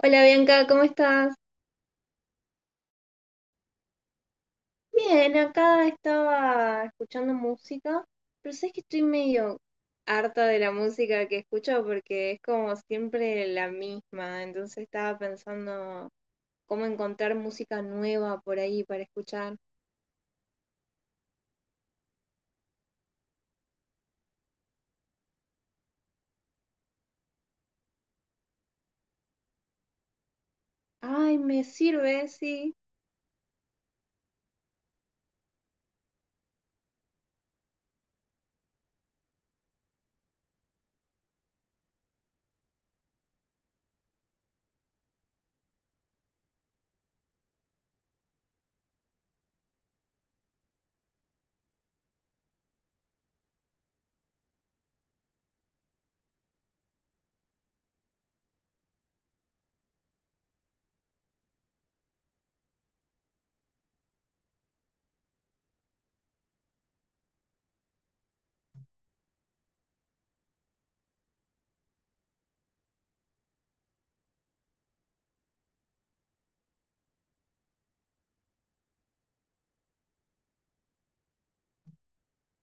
Hola Bianca, ¿cómo estás? Bien, acá estaba escuchando música, pero sabes que estoy medio harta de la música que escucho porque es como siempre la misma, entonces estaba pensando cómo encontrar música nueva por ahí para escuchar. Ay, me sirve, sí.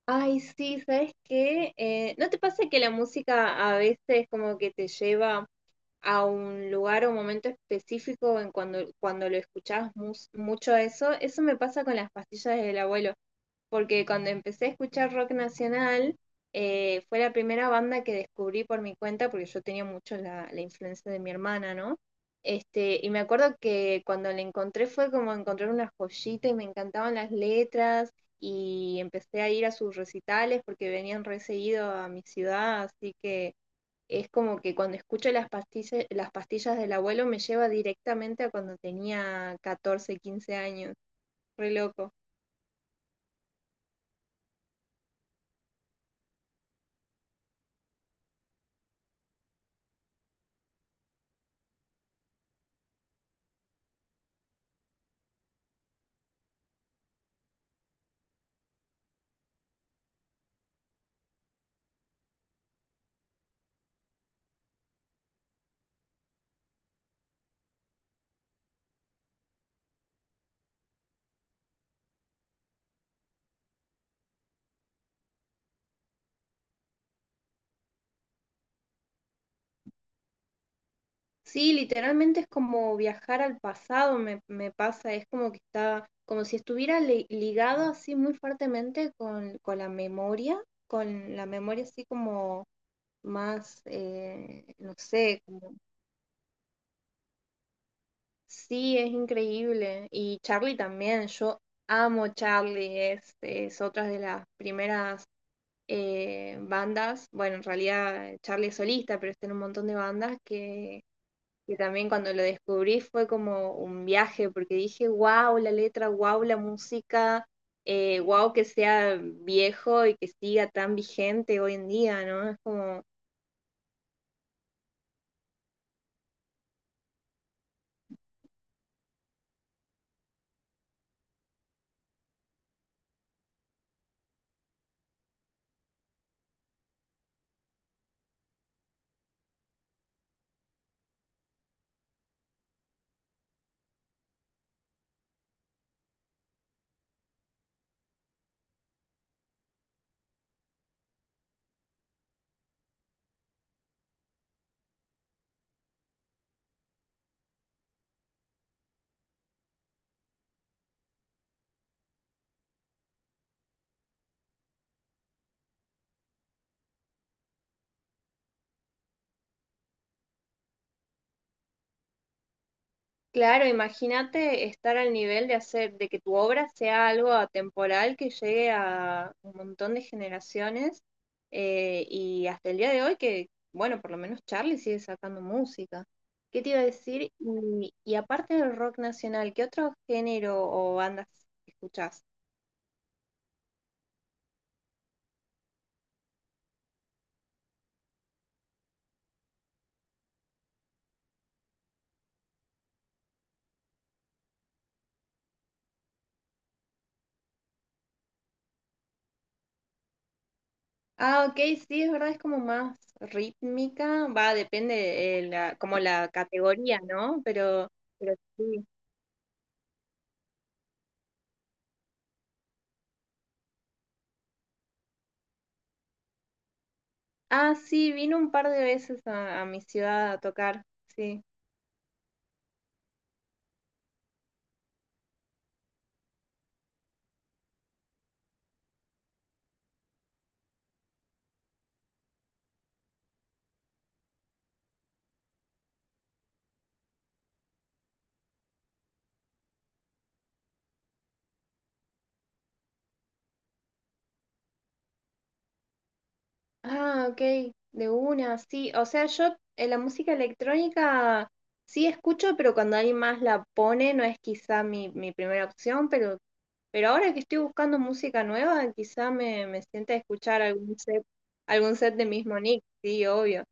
Ay, sí, ¿sabes qué? ¿No te pasa que la música a veces como que te lleva a un lugar o un momento específico en cuando lo escuchás mucho eso? Eso me pasa con las pastillas del abuelo porque cuando empecé a escuchar rock nacional, fue la primera banda que descubrí por mi cuenta, porque yo tenía mucho la influencia de mi hermana, ¿no? Este, y me acuerdo que cuando la encontré fue como encontrar una joyita y me encantaban las letras y empecé a ir a sus recitales porque venían re seguido a mi ciudad, así que es como que cuando escucho las pastillas del abuelo me lleva directamente a cuando tenía 14 15 años, re loco. Sí, literalmente es como viajar al pasado, me pasa, es como que está, como si estuviera ligado así muy fuertemente con la memoria, con la memoria así como más, no sé, como, sí, es increíble. Y Charlie también, yo amo Charlie, es otra de las primeras bandas, bueno, en realidad Charlie es solista, pero está en un montón de bandas que también cuando lo descubrí fue como un viaje, porque dije, wow, la letra, wow, la música, wow, que sea viejo y que siga tan vigente hoy en día, ¿no? Es como. Claro, imagínate estar al nivel de hacer de que tu obra sea algo atemporal que llegue a un montón de generaciones y hasta el día de hoy que, bueno, por lo menos Charlie sigue sacando música. ¿Qué te iba a decir? Y aparte del rock nacional, ¿qué otro género o bandas escuchás? Ah, ok, sí, es verdad, es como más rítmica, va, depende como la categoría, ¿no? Pero sí. Ah, sí, vino un par de veces a mi ciudad a tocar, sí. Ah, ok, de una, sí. O sea, yo la música electrónica sí escucho, pero cuando alguien más la pone no es quizá mi primera opción, pero ahora que estoy buscando música nueva, quizá me siente a escuchar algún set de mismo Nick, sí, obvio.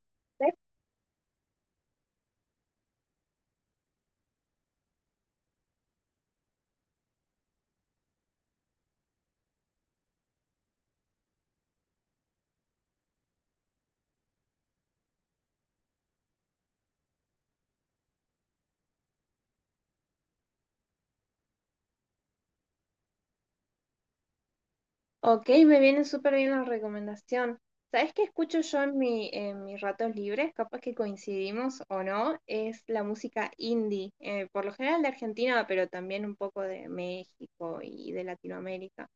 Ok, me viene súper bien la recomendación. ¿Sabes qué escucho yo en en mis ratos libres? Capaz que coincidimos o no, es la música indie, por lo general de Argentina, pero también un poco de México y de Latinoamérica.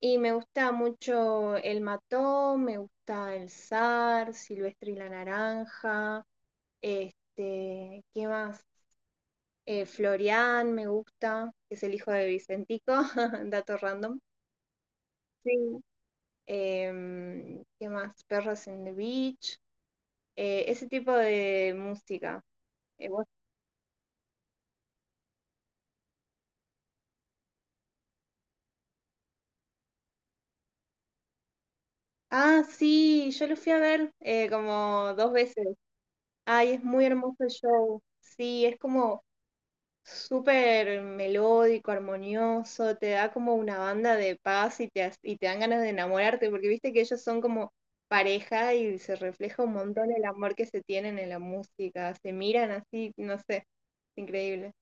Y me gusta mucho El Mató, me gusta El Zar, Silvestre y la Naranja, este, ¿qué más? Florian me gusta, que es el hijo de Vicentico, dato random. Sí. ¿Qué más? Perros en the Beach, ese tipo de música. Eh, vos- Ah, sí, yo lo fui a ver como dos veces. Ay, es muy hermoso el show. Sí, es como súper melódico, armonioso, te da como una banda de paz y te dan ganas de enamorarte, porque viste que ellos son como pareja y se refleja un montón el amor que se tienen en la música, se miran así, no sé, es increíble.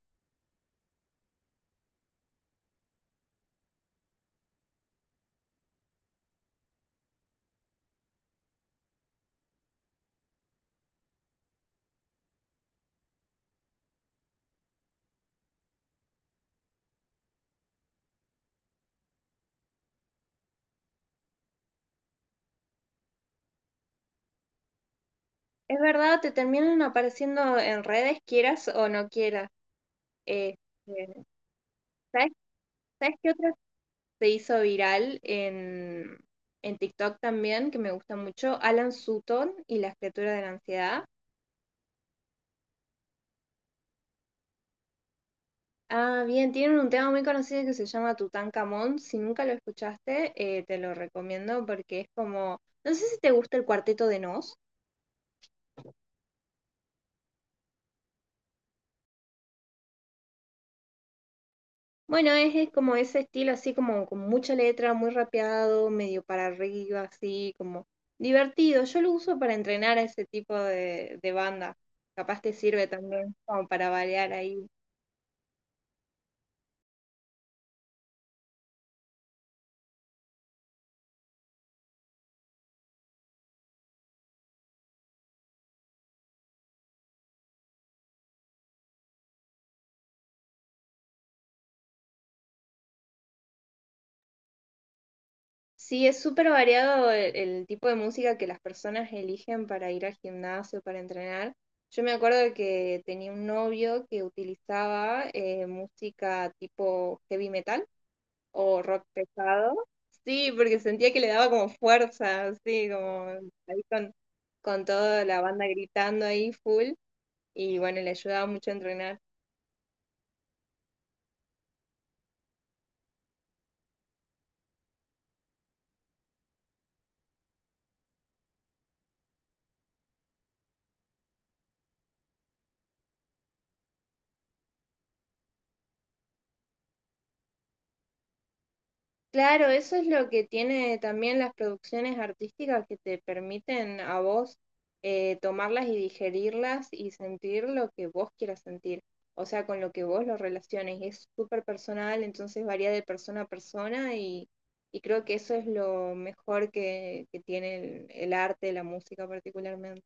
Es verdad, te terminan apareciendo en redes, quieras o no quieras. Eh, eh, ¿sabes, sabes qué otra se hizo viral en TikTok también, que me gusta mucho? Alan Sutton y la escritura de la ansiedad. Ah, bien, tienen un tema muy conocido que se llama Tutankamón. Si nunca lo escuchaste, te lo recomiendo porque es como, no sé si te gusta el cuarteto de Nos. Bueno, es como ese estilo así como con mucha letra, muy rapeado, medio para arriba, así como divertido. Yo lo uso para entrenar a ese tipo de banda. Capaz te sirve también como para variar ahí. Sí, es súper variado el tipo de música que las personas eligen para ir al gimnasio, para entrenar. Yo me acuerdo que tenía un novio que utilizaba música tipo heavy metal o rock pesado. Sí, porque sentía que le daba como fuerza, así como ahí con toda la banda gritando ahí full y bueno, le ayudaba mucho a entrenar. Claro, eso es lo que tiene también las producciones artísticas que te permiten a vos tomarlas y digerirlas y sentir lo que vos quieras sentir, o sea, con lo que vos lo relaciones. Es súper personal, entonces varía de persona a persona y creo que eso es lo mejor que tiene el arte, la música particularmente.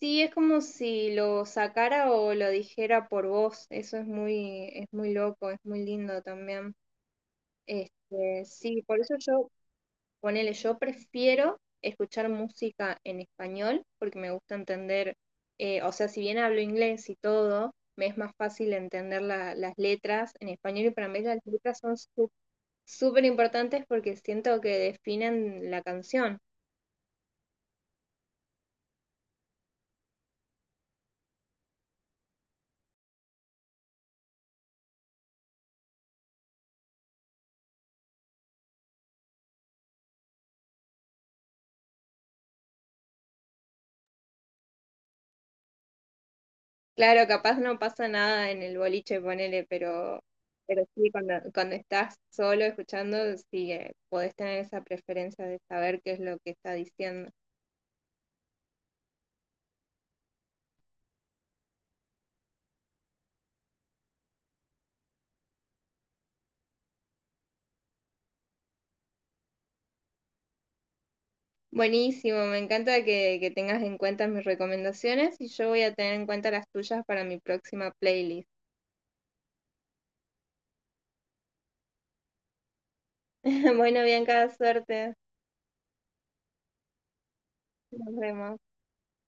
Sí, es como si lo sacara o lo dijera por vos, eso es muy loco, es muy lindo también. Este, sí, por eso yo ponele, yo prefiero escuchar música en español porque me gusta entender, o sea, si bien hablo inglés y todo, me es más fácil entender las letras en español y para mí las letras son súper importantes porque siento que definen la canción. Claro, capaz no pasa nada en el boliche, ponele, pero sí, cuando estás solo escuchando, sí, podés tener esa preferencia de saber qué es lo que está diciendo. Buenísimo, me encanta que tengas en cuenta mis recomendaciones y yo voy a tener en cuenta las tuyas para mi próxima playlist. Bueno, Bianca, suerte. Nos vemos.